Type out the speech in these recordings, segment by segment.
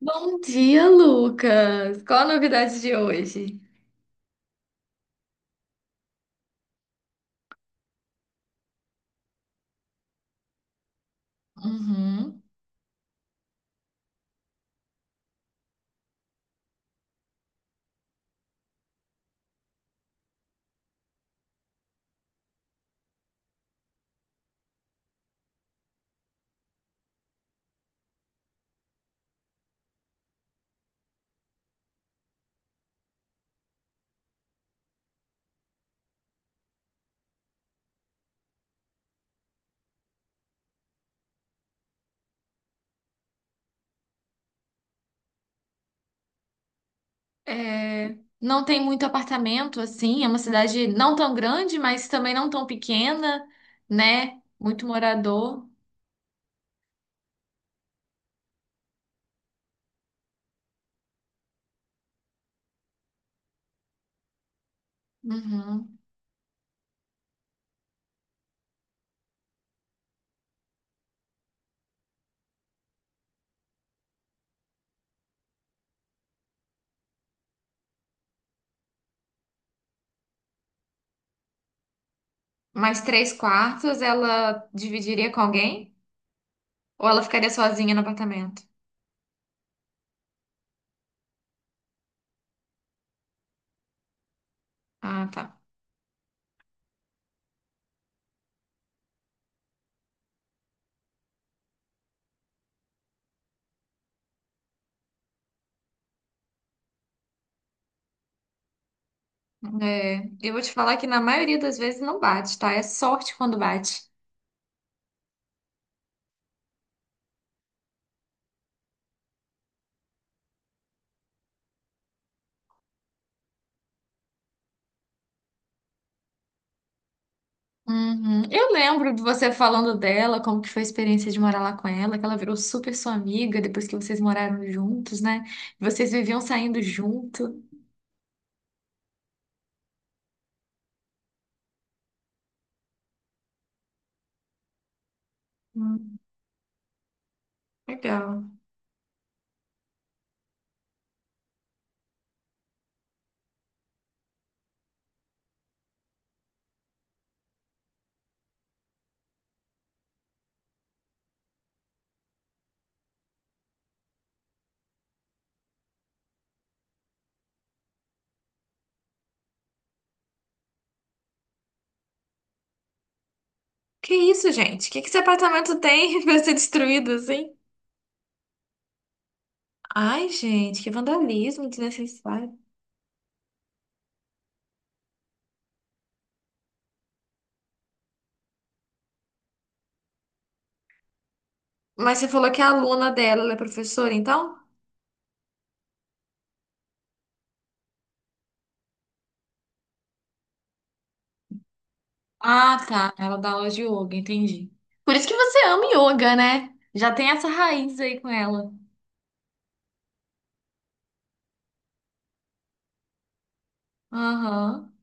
Bom dia, Lucas. Qual a novidade de hoje? Uhum. É, não tem muito apartamento assim, é uma cidade não tão grande, mas também não tão pequena, né? Muito morador. Uhum. Mas três quartos ela dividiria com alguém? Ou ela ficaria sozinha no apartamento? Ah, tá. É, eu vou te falar que na maioria das vezes não bate, tá? É sorte quando bate. Uhum. Eu lembro de você falando dela, como que foi a experiência de morar lá com ela, que ela virou super sua amiga depois que vocês moraram juntos, né? Vocês viviam saindo junto. Hum, legal. Que isso, gente? Que esse apartamento tem pra ser destruído assim? Ai, gente, que vandalismo desnecessário. Mas você falou que a aluna dela, ela é professora, então? Ah, tá. Ela dá aula de yoga, entendi. Por isso que você ama yoga, né? Já tem essa raiz aí com ela. Aham,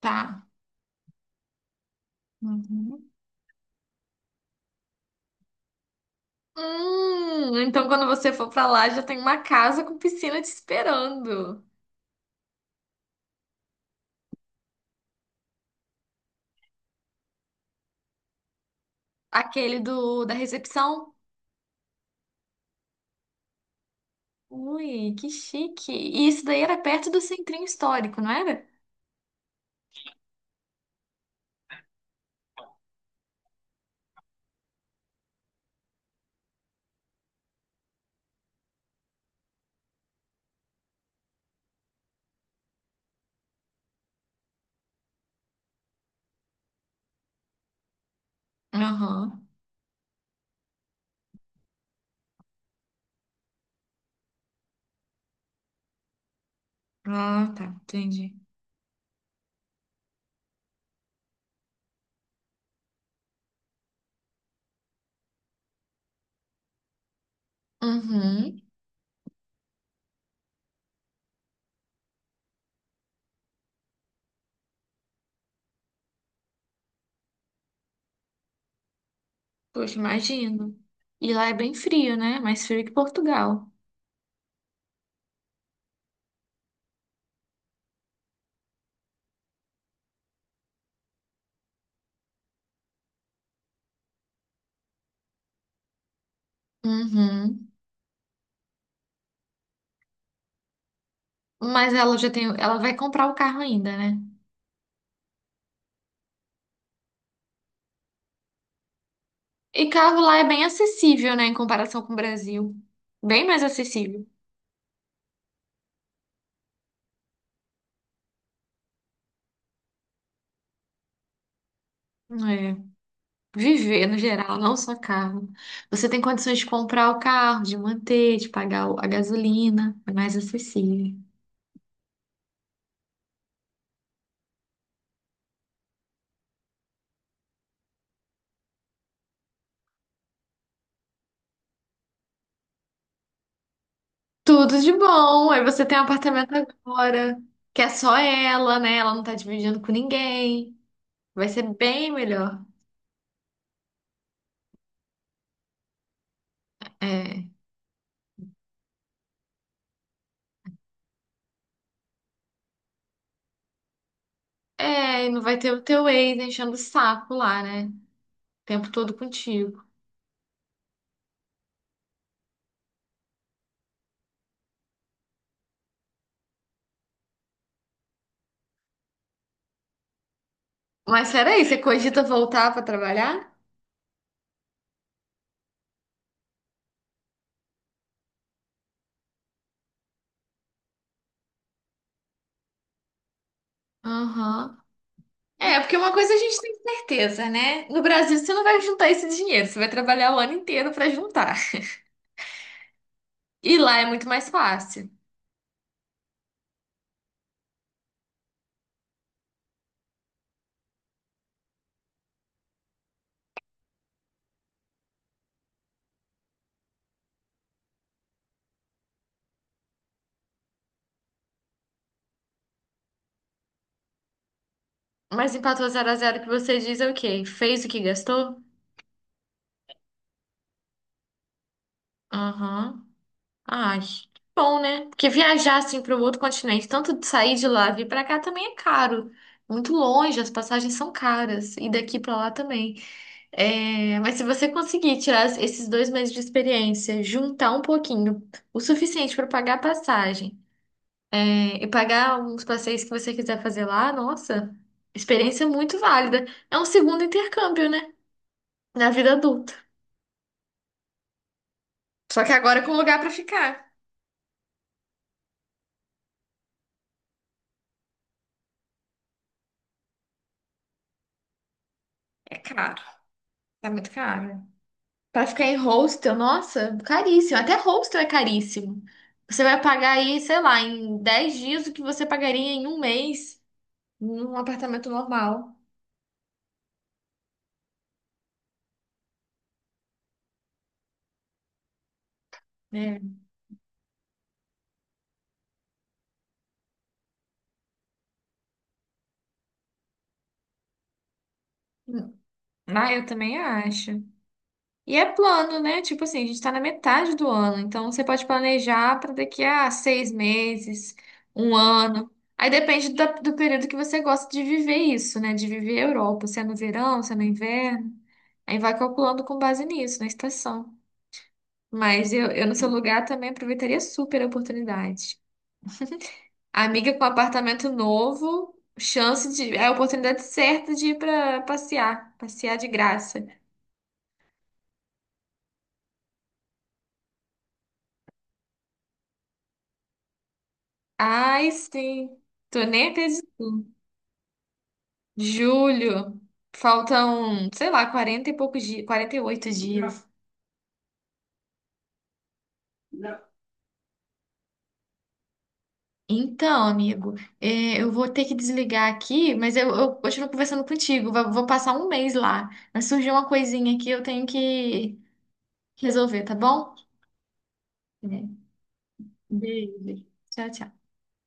tá. Uhum. Então quando você for pra lá, já tem uma casa com piscina te esperando. Aquele do da recepção. Ui, que chique. E isso daí era perto do centrinho histórico, não era? Aham. Ah, tá, entendi. Uhum. Poxa, imagino. E lá é bem frio, né? Mais frio que Portugal. Uhum. Mas ela já tem, ela vai comprar o carro ainda, né? E carro lá é bem acessível, né, em comparação com o Brasil. Bem mais acessível. É Viver no geral, não só carro. Você tem condições de comprar o carro, de manter, de pagar a gasolina, é mais acessível. Tudo de bom. Aí você tem um apartamento agora, que é só ela, né? Ela não tá dividindo com ninguém. Vai ser bem melhor. É. É, e não vai ter o teu ex enchendo o saco lá, né? O tempo todo contigo. Mas peraí, você cogita voltar pra trabalhar? Aham. É, porque uma coisa a gente tem certeza, né? No Brasil você não vai juntar esse dinheiro, você vai trabalhar o ano inteiro pra juntar. E lá é muito mais fácil. Mas empatou zero a zero que você diz é o quê? Fez o que gastou? Aham. Ai, bom, né? Porque viajar assim para o outro continente, tanto de sair de lá e vir para cá também é caro. Muito longe, as passagens são caras. E daqui para lá também. É, mas se você conseguir tirar esses 2 meses de experiência, juntar um pouquinho, o suficiente para pagar a passagem e pagar uns passeios que você quiser fazer lá, nossa, experiência muito válida. É um segundo intercâmbio, né? Na vida adulta. Só que agora é com lugar pra ficar. É caro. Tá muito caro. Pra ficar em hostel, nossa, caríssimo. Até hostel é caríssimo. Você vai pagar aí, sei lá, em 10 dias o que você pagaria em um mês num apartamento normal. Né? Ah, eu também acho. E é plano, né? Tipo assim, a gente tá na metade do ano, então você pode planejar para daqui a 6 meses, um ano. Aí depende do, período que você gosta de viver isso, né? De viver a Europa, se é no verão, se é no inverno. Aí vai calculando com base nisso, na estação. Mas eu no seu lugar também aproveitaria super a oportunidade. Amiga com apartamento novo, chance de, é a oportunidade certa de ir para passear, passear de graça. Ai, sim. Tô nem acreditando. Julho, faltam, sei lá, 40 e poucos dias, 48 dias. Então, amigo, é, eu, vou ter que desligar aqui, mas eu continuo conversando contigo. Vou passar um mês lá. Mas surgiu uma coisinha aqui, eu tenho que resolver, tá bom? É. Beijo. Tchau, tchau.